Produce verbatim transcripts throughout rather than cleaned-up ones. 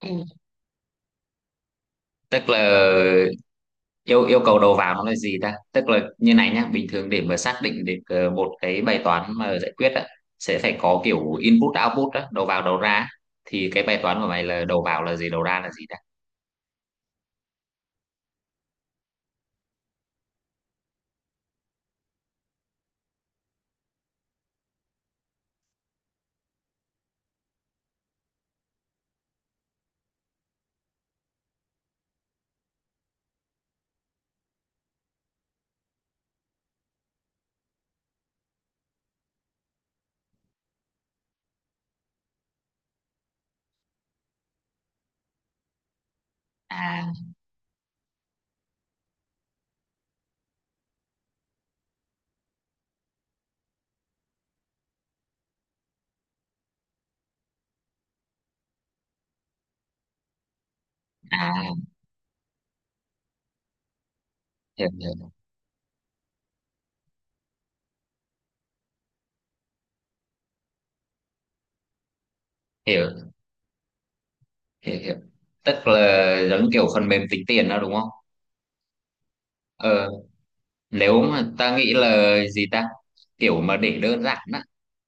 Ừ. Tức là yêu yêu cầu đầu vào nó là gì ta. Tức là như này nhá, bình thường để mà xác định được ờ, một cái bài toán mà giải quyết á, sẽ phải có kiểu input output á, đầu vào đầu ra á. Thì cái bài toán của mày là đầu vào là gì, đầu ra là gì ta? À, à hiểu hiểu hiểu hiểu, hiểu. Tức là giống kiểu phần mềm tính tiền đó đúng không? ờ Nếu mà ta nghĩ là gì ta, kiểu mà để đơn giản á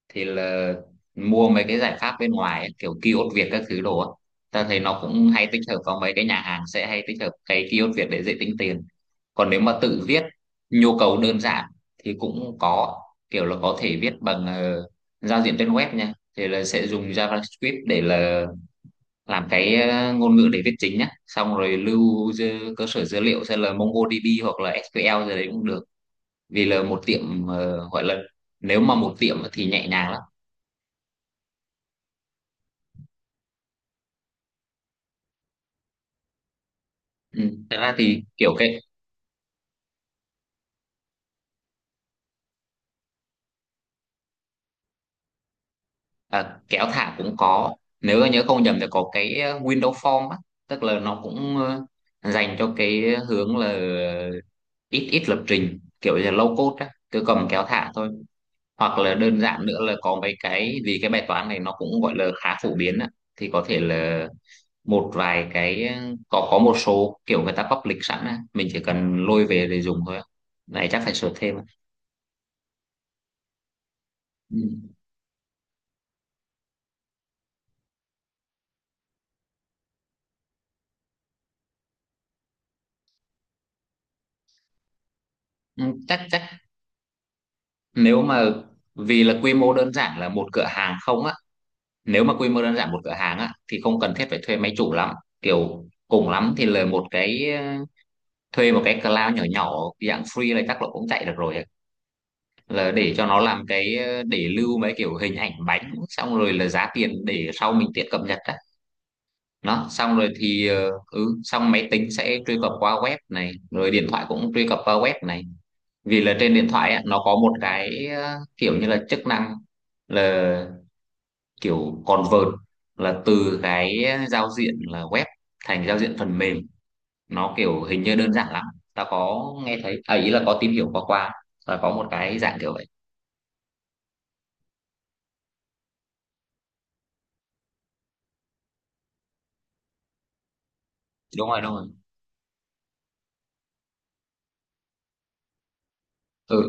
thì là mua mấy cái giải pháp bên ngoài ấy, kiểu kiosk Việt các thứ đồ á. Ta thấy nó cũng hay tích hợp vào mấy cái nhà hàng, sẽ hay tích hợp cái kiosk Việt để dễ tính tiền. Còn nếu mà tự viết nhu cầu đơn giản thì cũng có, kiểu là có thể viết bằng ờ, giao diện trên web nha, thì là sẽ dùng JavaScript để là làm cái ờ, ngôn ngữ để viết chính nhá, xong rồi lưu dư- cơ sở dữ liệu sẽ là MongoDB hoặc là sequel gì đấy cũng được. Vì là một tiệm ờ, gọi là, nếu mà một tiệm thì nhẹ nhàng lắm. Ừ. Thật ra thì kiểu cái à, kéo thả cũng có. Nếu mà nhớ không nhầm thì có cái ờ, window form á, tức là nó cũng ờ, dành cho cái hướng là ít ít lập trình, kiểu như là low code á, cứ cầm kéo thả thôi. Hoặc là đơn giản nữa là có mấy cái, vì cái bài toán này nó cũng gọi là khá phổ biến á, thì có thể là một vài cái ờ, có có một số kiểu người ta public sẵn á, mình chỉ cần lôi về để dùng thôi á. Này chắc phải sửa thêm á. Ừ. Ừ, chắc chắc nếu mà, vì là quy mô đơn giản là một cửa hàng không á, nếu mà quy mô đơn giản một cửa hàng á thì không cần thiết phải thuê máy chủ lắm, kiểu cùng lắm thì là một cái ờ, thuê một cái cloud nhỏ nhỏ dạng free này chắc là cũng chạy được rồi ấy. Là để cho nó làm cái ờ, để lưu mấy kiểu hình ảnh bánh xong rồi là giá tiền, để sau mình tiện cập nhật á. Nó xong rồi thì ờ, ừ xong máy tính sẽ truy cập qua web này rồi điện thoại cũng truy cập qua web này. Vì là trên điện thoại á, nó có một cái ờ, kiểu như là chức năng là kiểu convert, là từ cái giao diện là web thành giao diện phần mềm. Nó kiểu hình như đơn giản lắm. Ta có nghe thấy, à, ý là có tìm hiểu qua qua, là có một cái dạng kiểu vậy. Đúng rồi đúng rồi. Ừ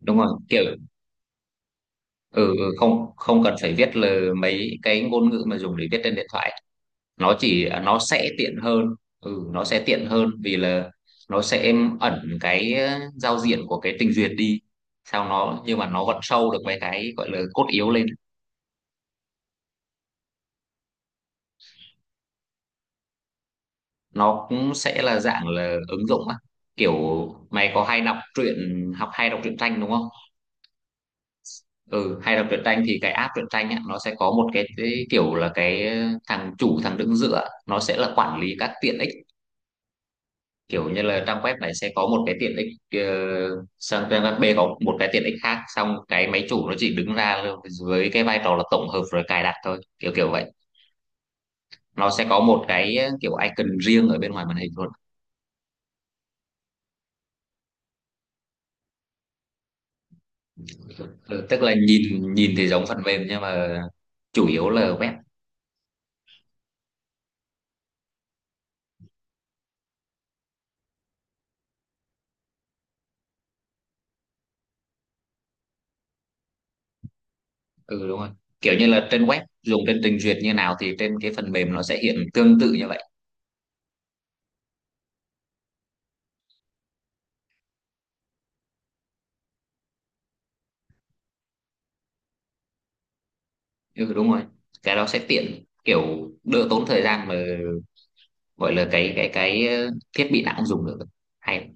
đúng rồi kiểu, ừ, ừ không không cần phải viết là mấy cái ngôn ngữ mà dùng để viết trên điện thoại. Nó chỉ nó sẽ tiện hơn. Ừ, nó sẽ tiện hơn vì là nó sẽ ẩn cái giao diện của cái trình duyệt đi. Sao nó, nhưng mà nó vẫn show được mấy cái gọi là cốt yếu lên. Nó cũng sẽ là dạng là ứng dụng á. Kiểu mày có hay đọc truyện học hay đọc truyện tranh đúng không? Ừ, hay đọc truyện tranh thì cái app truyện tranh á, nó sẽ có một cái, cái kiểu là cái thằng chủ thằng đứng giữa, nó sẽ là quản lý các tiện ích. Kiểu như là trang web này sẽ có một cái tiện ích ờ, sang trang web B có một cái tiện ích khác, xong cái máy chủ nó chỉ đứng ra là- với cái vai trò là tổng hợp rồi cài đặt thôi, kiểu kiểu vậy. Nó sẽ có một cái kiểu icon riêng ở bên ngoài màn hình luôn. Ừ, tức là nhìn nhìn thì giống phần mềm nhưng mà chủ yếu là web. Ừ đúng rồi, kiểu như là trên web dùng trên trình duyệt như nào thì trên cái phần mềm nó sẽ hiện tương tự như vậy. Ừ đúng rồi, cái đó sẽ tiện kiểu đỡ tốn thời gian mà, gọi là cái cái cái thiết bị nào cũng dùng được hay.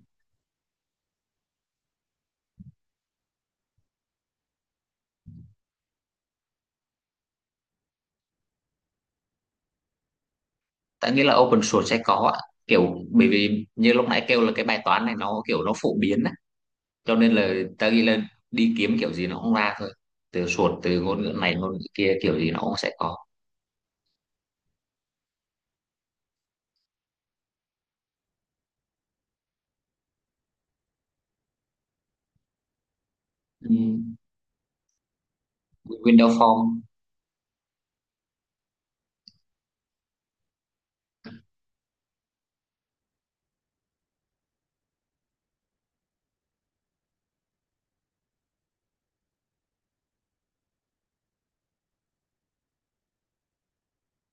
Tại nghĩa là open source sẽ có ạ. Kiểu bởi vì như lúc nãy kêu là cái bài toán này nó kiểu nó phổ biến á, cho nên là ta ghi lên đi kiếm kiểu gì nó cũng ra thôi, từ source từ ngôn ngữ này ngôn ngữ kia kiểu gì nó cũng sẽ có. Ừ. Windows Phone.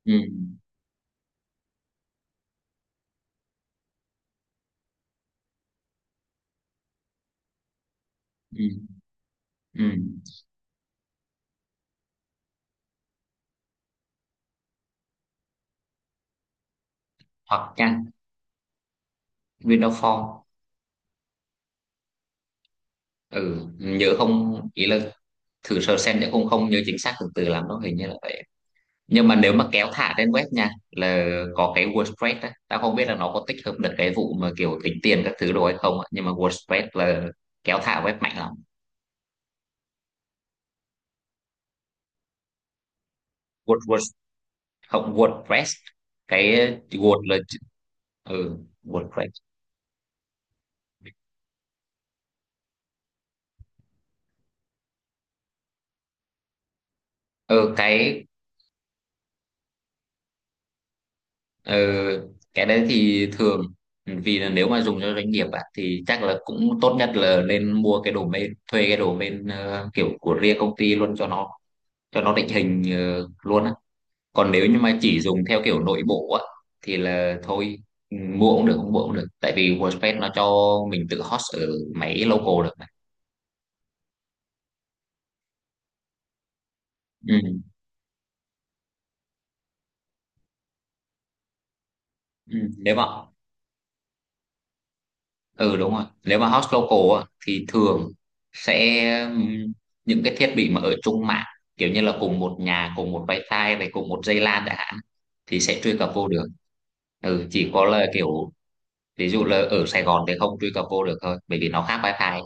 Ừ. Ừ. Ừ. Hoặc nha, Windows Phone. Ừ. Nhớ không ý là thử sơ xem, nhớ không, không nhớ chính xác từ từ lắm đó, hình như là vậy. Nhưng mà nếu mà kéo thả trên web nha là có cái WordPress á. Tao không biết là nó có tích hợp được cái vụ mà kiểu tính tiền các thứ đồ hay không á, nhưng mà WordPress là kéo thả web mạnh lắm. Word, Word, không WordPress, cái Word là, ừ, WordPress. Ừ, cái. Ờ, cái đấy thì thường, ừ, vì là nếu mà dùng cho doanh nghiệp ạ, thì chắc là cũng tốt nhất là nên mua cái domain, thuê cái domain ờ, kiểu của riêng công ty luôn, cho nó cho nó định hình ờ, luôn á. Còn nếu như mà chỉ dùng theo kiểu nội bộ á thì là thôi. Ừ, mua cũng được không mua cũng được, tại vì WordPress nó cho mình tự host ở máy local được mà. Ừ, ừ. Nếu mà, ừ đúng rồi, nếu mà host local á, thì thường sẽ ừm, những cái thiết bị mà ở chung mạng, kiểu như là cùng một nhà cùng một wifi này cùng một dây LAN đã hạn, thì sẽ truy cập vô được. Ừ chỉ có là kiểu, ví dụ là ở Sài Gòn thì không truy cập vô được thôi bởi vì nó khác wifi.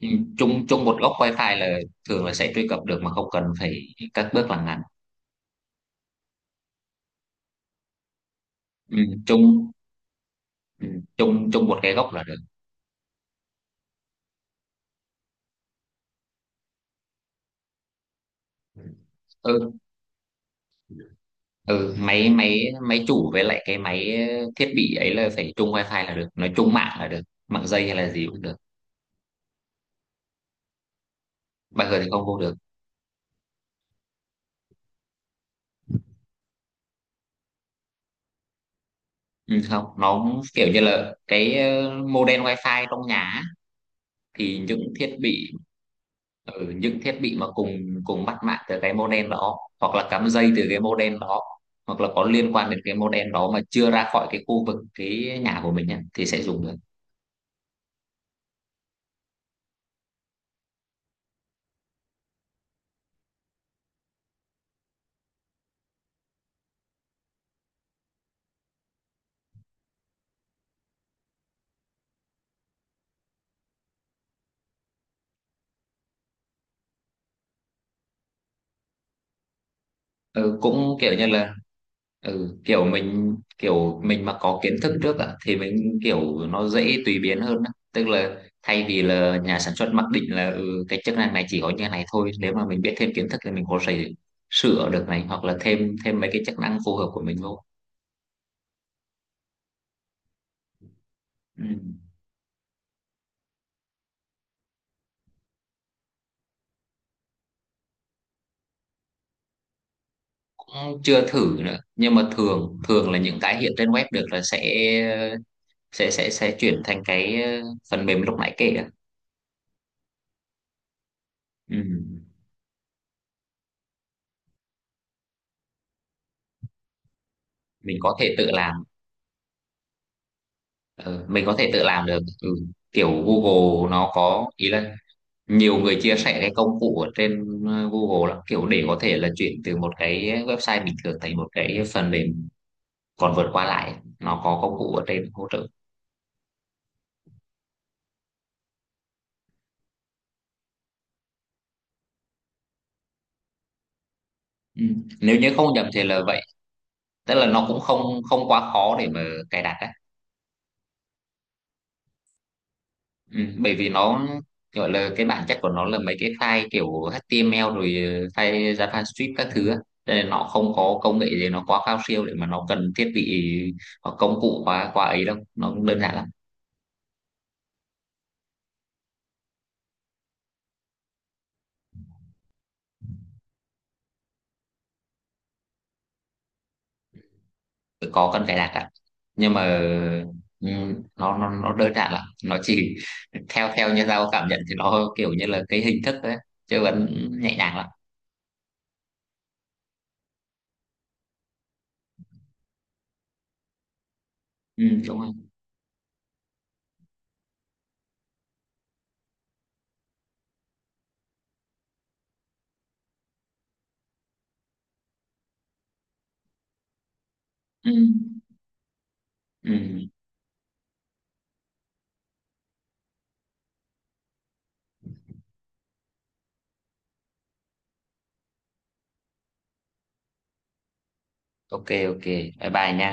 Ừ, chung chung một góc wifi là, thường là sẽ truy cập được mà không cần phải các bước làm ngắn. Ừ, chung, ừ, chung chung một cái góc là được. Ừ. Ừ máy máy máy chủ với lại cái máy ờ, thiết bị ấy là phải chung wifi là được, nói chung mạng là được, mạng dây hay là gì cũng được. Bây giờ thì không vô được. Ừ, không, nó cũng kiểu như là cái ờ, modem wifi trong nhà á, thì những thiết bị, ừ, những thiết bị mà cùng cùng bắt mạng từ cái modem đó hoặc là cắm dây từ cái modem đó hoặc là có liên quan đến cái modem đó mà chưa ra khỏi cái khu vực cái nhà của mình nhá, thì sẽ dùng được. Ừ, cũng kiểu như là, ừ, kiểu mình kiểu mình mà có kiến thức trước ạ thì mình kiểu nó dễ tùy biến hơn á. Tức là thay vì là nhà sản xuất mặc định là ừ, cái chức năng này chỉ có như này thôi, nếu mà mình biết thêm kiến thức thì mình có thể sửa được này hoặc là thêm thêm mấy cái chức năng phù hợp của mình vô. Ừ. Cũng chưa thử nữa nhưng mà thường thường là những cái hiện trên web được là sẽ sẽ sẽ sẽ chuyển thành cái ờ, phần mềm lúc nãy kể ạ. Ừ. Mình có thể tự làm. Ờ, mình có thể tự làm được ừ. Kiểu Google nó có ý là nhiều người chia sẻ cái công cụ ở trên ờ, Google lắm, kiểu để có thể là chuyển từ một cái website bình thường thành một cái phần mềm, còn vượt qua lại nó có công cụ ở trên hỗ trợ. Ừ. Nếu như không nhầm thì là vậy, tức là nó cũng không không quá khó để mà cài đặt đấy. Ừ, bởi vì nó gọi là cái bản chất của nó là mấy cái file kiểu hát tê em lờ rồi ờ, file JavaScript các thứ á. Cho nên nó không có công nghệ gì nó quá cao siêu để mà nó cần thiết bị hoặc công cụ quá quá ấy đâu, nó đơn giản lắm. Tự có cần cài đặt ạ nhưng mà ừ, nó nó nó đơn giản lắm, nó chỉ theo theo như tao cảm nhận thì nó kiểu như là cái hình thức đấy chứ vẫn nhẹ nhàng lắm. Ừ, đúng không? Ừ. Ừ. Ok ok bye bye nha.